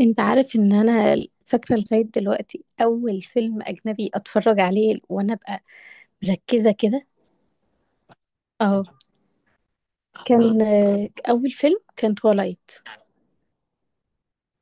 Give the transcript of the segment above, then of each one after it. انت عارف ان انا فاكره لغايه دلوقتي اول فيلم اجنبي اتفرج عليه وانا ابقى مركزه كده. اه كان اول فيلم كان تولايت.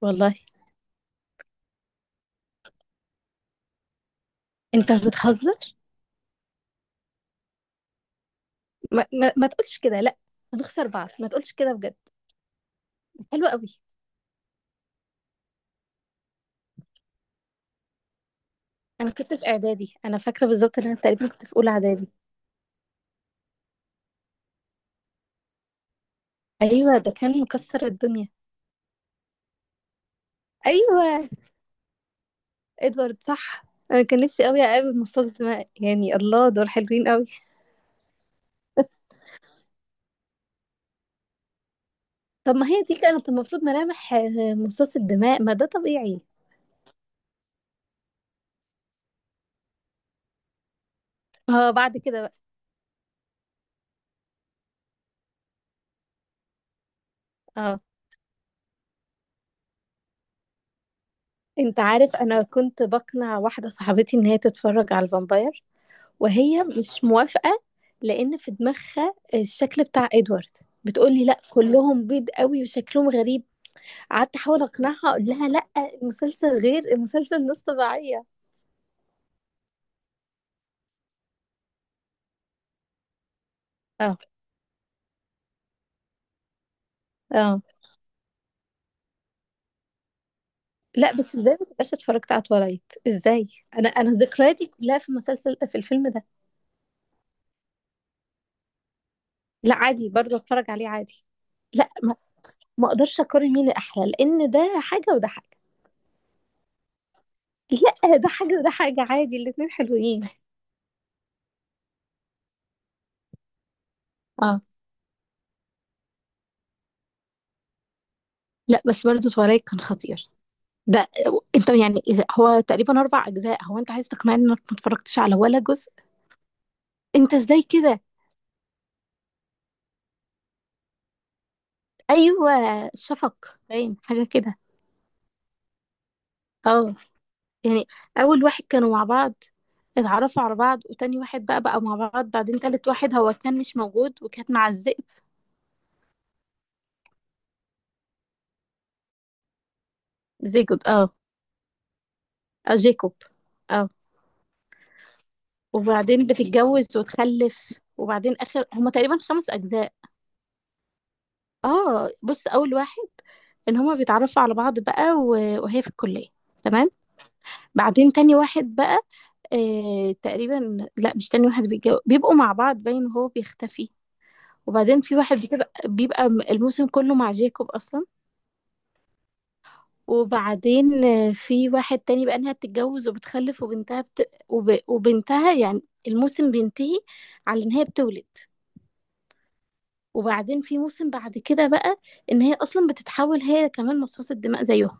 والله. انت بتهزر. ما تقولش كده، لا. هنخسر بعض، ما تقولش كده بجد. حلو قوي. انا كنت في اعدادي، انا فاكره بالظبط ان انا تقريبا كنت في اولى اعدادي. ايوه ده كان مكسر الدنيا. ايوه، ادوارد صح. انا كان نفسي قوي اقابل مصاص دماء يعني، الله دول حلوين قوي. طب ما هي دي كانت المفروض ملامح مصاص الدماء، ما ده طبيعي. اه بعد كده بقى. اه، انت عارف انا كنت بقنع واحدة صاحبتي ان هي تتفرج على الفامباير وهي مش موافقة، لان في دماغها الشكل بتاع ادوارد. بتقولي لا كلهم بيض قوي وشكلهم غريب. قعدت احاول اقنعها، اقول لها لا، المسلسل غير، المسلسل نص طبيعية. اه اه. لا بس ازاي ما تبقاش اتفرجت على تولايت ازاي؟ انا ذكرياتي كلها في المسلسل، في الفيلم ده. لا عادي برضه اتفرج عليه عادي. لا، ما اقدرش اقارن مين احلى لان ده حاجه وده حاجه. لا ده حاجه وده حاجه، عادي الاتنين حلوين. اه لا بس برضه تورايك كان خطير. ده انت يعني اذا هو تقريبا اربع اجزاء، هو انت عايز تقنعني انك ما اتفرجتش على ولا جزء؟ انت ازاي كده؟ ايوه شفق، باين حاجه كده. اه يعني اول واحد كانوا مع بعض، اتعرفوا على بعض، وتاني واحد بقى مع بعض، بعدين تالت واحد هو كان مش موجود وكانت مع الذئب. زيجود اه. اه جيكوب اه. وبعدين بتتجوز وتخلف، وبعدين اخر هما تقريبا خمس اجزاء. اه بص، اول واحد ان هما بيتعرفوا على بعض بقى وهي في الكلية، تمام. بعدين تاني واحد بقى، تقريبا لا مش تاني واحد بيتجوز، بيبقوا مع بعض باين هو بيختفي. وبعدين في واحد بيبقى الموسم كله مع جيكوب اصلا. وبعدين في واحد تاني بقى انها بتتجوز وبتخلف وبنتها وبنتها يعني الموسم بينتهي على ان هي بتولد. وبعدين في موسم بعد كده بقى ان هي اصلا بتتحول، هي كمان مصاصة دماء زيهم.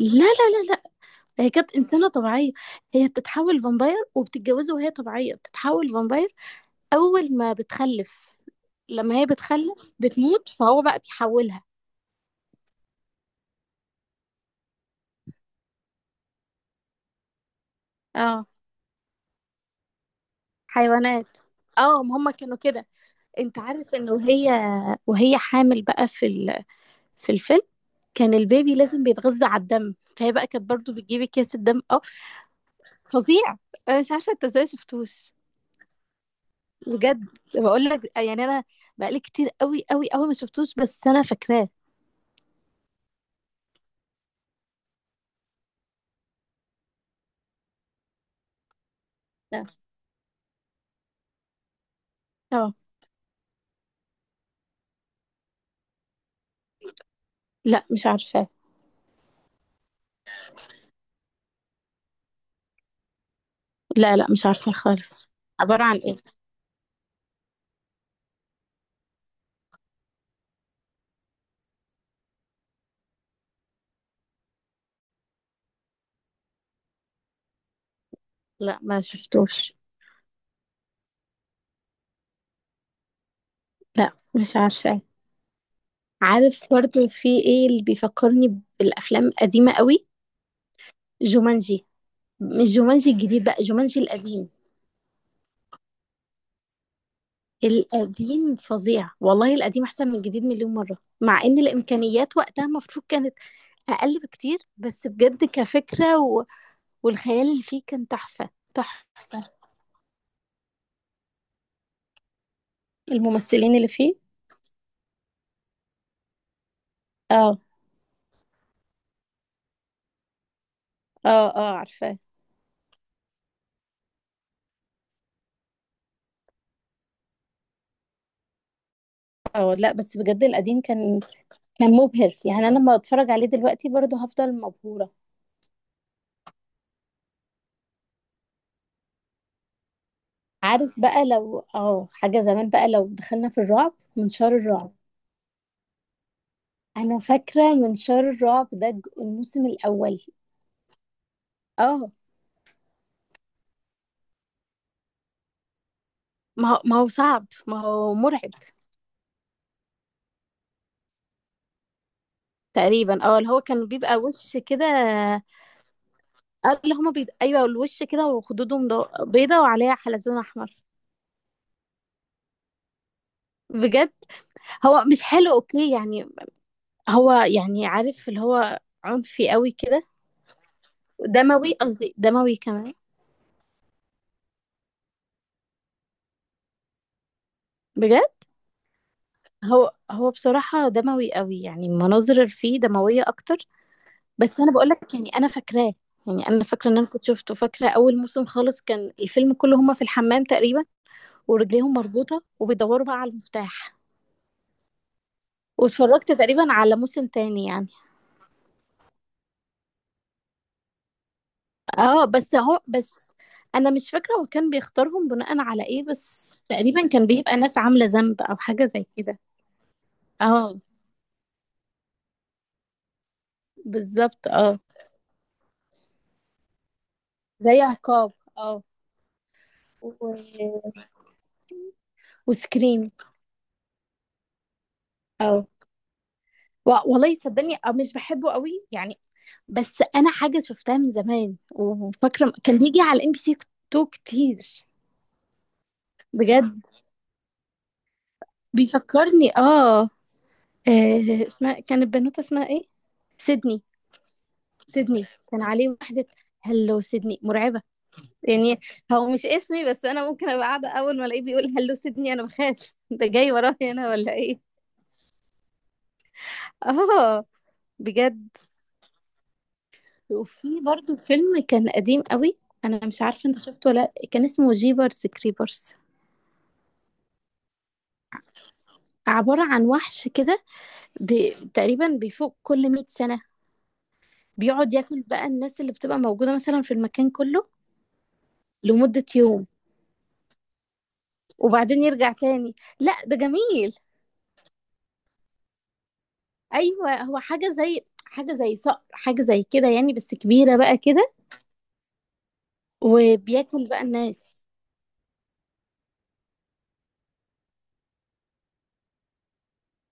لا. هي كانت انسانة طبيعية. هي بتتحول فامباير وبتتجوزه، وهي طبيعية بتتحول فامباير اول ما بتخلف. لما هي بتخلف بتموت، فهو بقى بيحولها. اه حيوانات. اه ما هم كانوا كده. انت عارف ان وهي حامل بقى في ال... في الفيلم، كان البيبي لازم بيتغذى على الدم، فهي بقى كانت برضو بتجيب اكياس الدم اه. فظيع، انا مش عارفه انت ازاي ما شفتوش. بجد، بقول لك يعني انا بقالي كتير قوي قوي قوي ما شفتوش بس انا فاكراه. لا اه. لا مش عارفاه. لا لا مش عارفاه خالص. عبارة عن ايه؟ لا ما شفتوش. لا مش عارفاه. عارف برضو في ايه اللي بيفكرني بالافلام القديمه قوي؟ جومانجي، مش جومانجي الجديد بقى، جومانجي القديم. القديم فظيع والله، القديم احسن من الجديد مليون مره، مع ان الامكانيات وقتها المفروض كانت اقل بكتير، بس بجد كفكرة و... والخيال اللي فيه كان تحفة تحفة. الممثلين اللي فيه اه اه. اه عارفاه. اه لا بس بجد القديم كان كان مبهر، يعني انا لما اتفرج عليه دلوقتي برضه هفضل مبهورة. عارف بقى لو اه حاجة زمان، بقى لو دخلنا في الرعب، منشار الرعب. انا فاكرة منشار الرعب ده الموسم الاول. اه ما هو، ما هو صعب، ما هو مرعب. تقريبا اه اللي هو كان بيبقى وش كده. اه اللي هما ايوه الوش كده، وخدودهم بيضة وعليها حلزون احمر. بجد. هو مش حلو اوكي يعني. هو يعني عارف اللي هو عنفي قوي كده. دموي، قصدي دموي كمان. بجد. هو هو بصراحة دموي قوي، يعني المناظر اللي فيه دموية اكتر. بس انا بقولك يعني انا فاكراه، يعني انا فاكره ان انا كنت شفته. فاكره اول موسم خالص كان الفيلم كله هما في الحمام تقريبا، ورجليهم مربوطه وبيدوروا بقى على المفتاح. واتفرجت تقريبا على موسم تاني يعني. اه بس هو، بس انا مش فاكره هو كان بيختارهم بناء على ايه، بس تقريبا كان بيبقى ناس عامله ذنب او حاجه زي كده. اه بالظبط اه. زي عقاب اه. و... وسكريم. اه و... والله صدقني اه مش بحبه قوي يعني، بس انا حاجه شفتها من زمان، وفاكره كان بيجي على ام بي سي تو كتير. بجد، بيفكرني اه. اسمها كانت بنوته، اسمها ايه؟ سيدني. سيدني كان عليه واحده، هلو سيدني، مرعبه يعني. هو مش اسمي، بس انا ممكن ابقى قاعده اول ما الاقيه بيقول هلو سيبني انا بخاف، ده جاي ورايا انا ولا ايه. اه بجد. وفي برضو فيلم كان قديم قوي، انا مش عارفه انت شفته ولا لأ، كان اسمه جيبرز كريبرز. عباره عن وحش كده ب... تقريبا بيفوق كل 100 سنه، بيقعد ياكل بقى الناس اللي بتبقى موجوده مثلا في المكان كله لمده يوم، وبعدين يرجع تاني. لا ده جميل. ايوه هو حاجه زي، حاجه زي صقر، حاجه زي كده يعني بس كبيره بقى كده، وبياكل بقى الناس.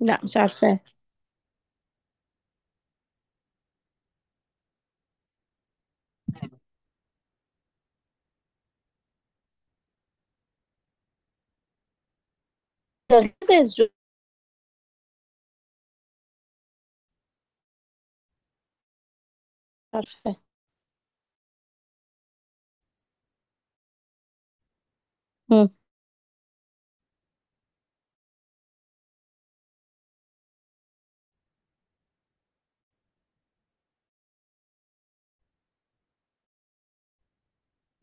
لا مش عارفاه. ده غدا الزوج. مش عارفاه. مم.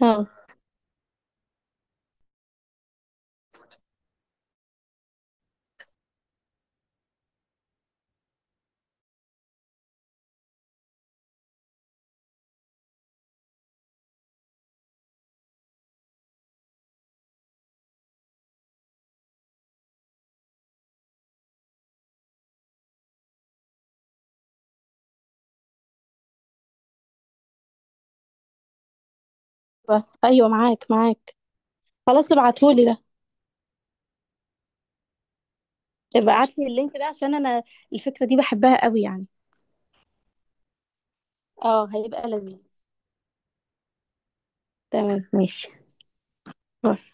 اه ايوه معاك معاك. خلاص ابعتهولي ده. ابقى ابعتلي اللينك ده عشان انا الفكرة دي بحبها قوي يعني. اه هيبقى لذيذ. تمام ماشي. باي.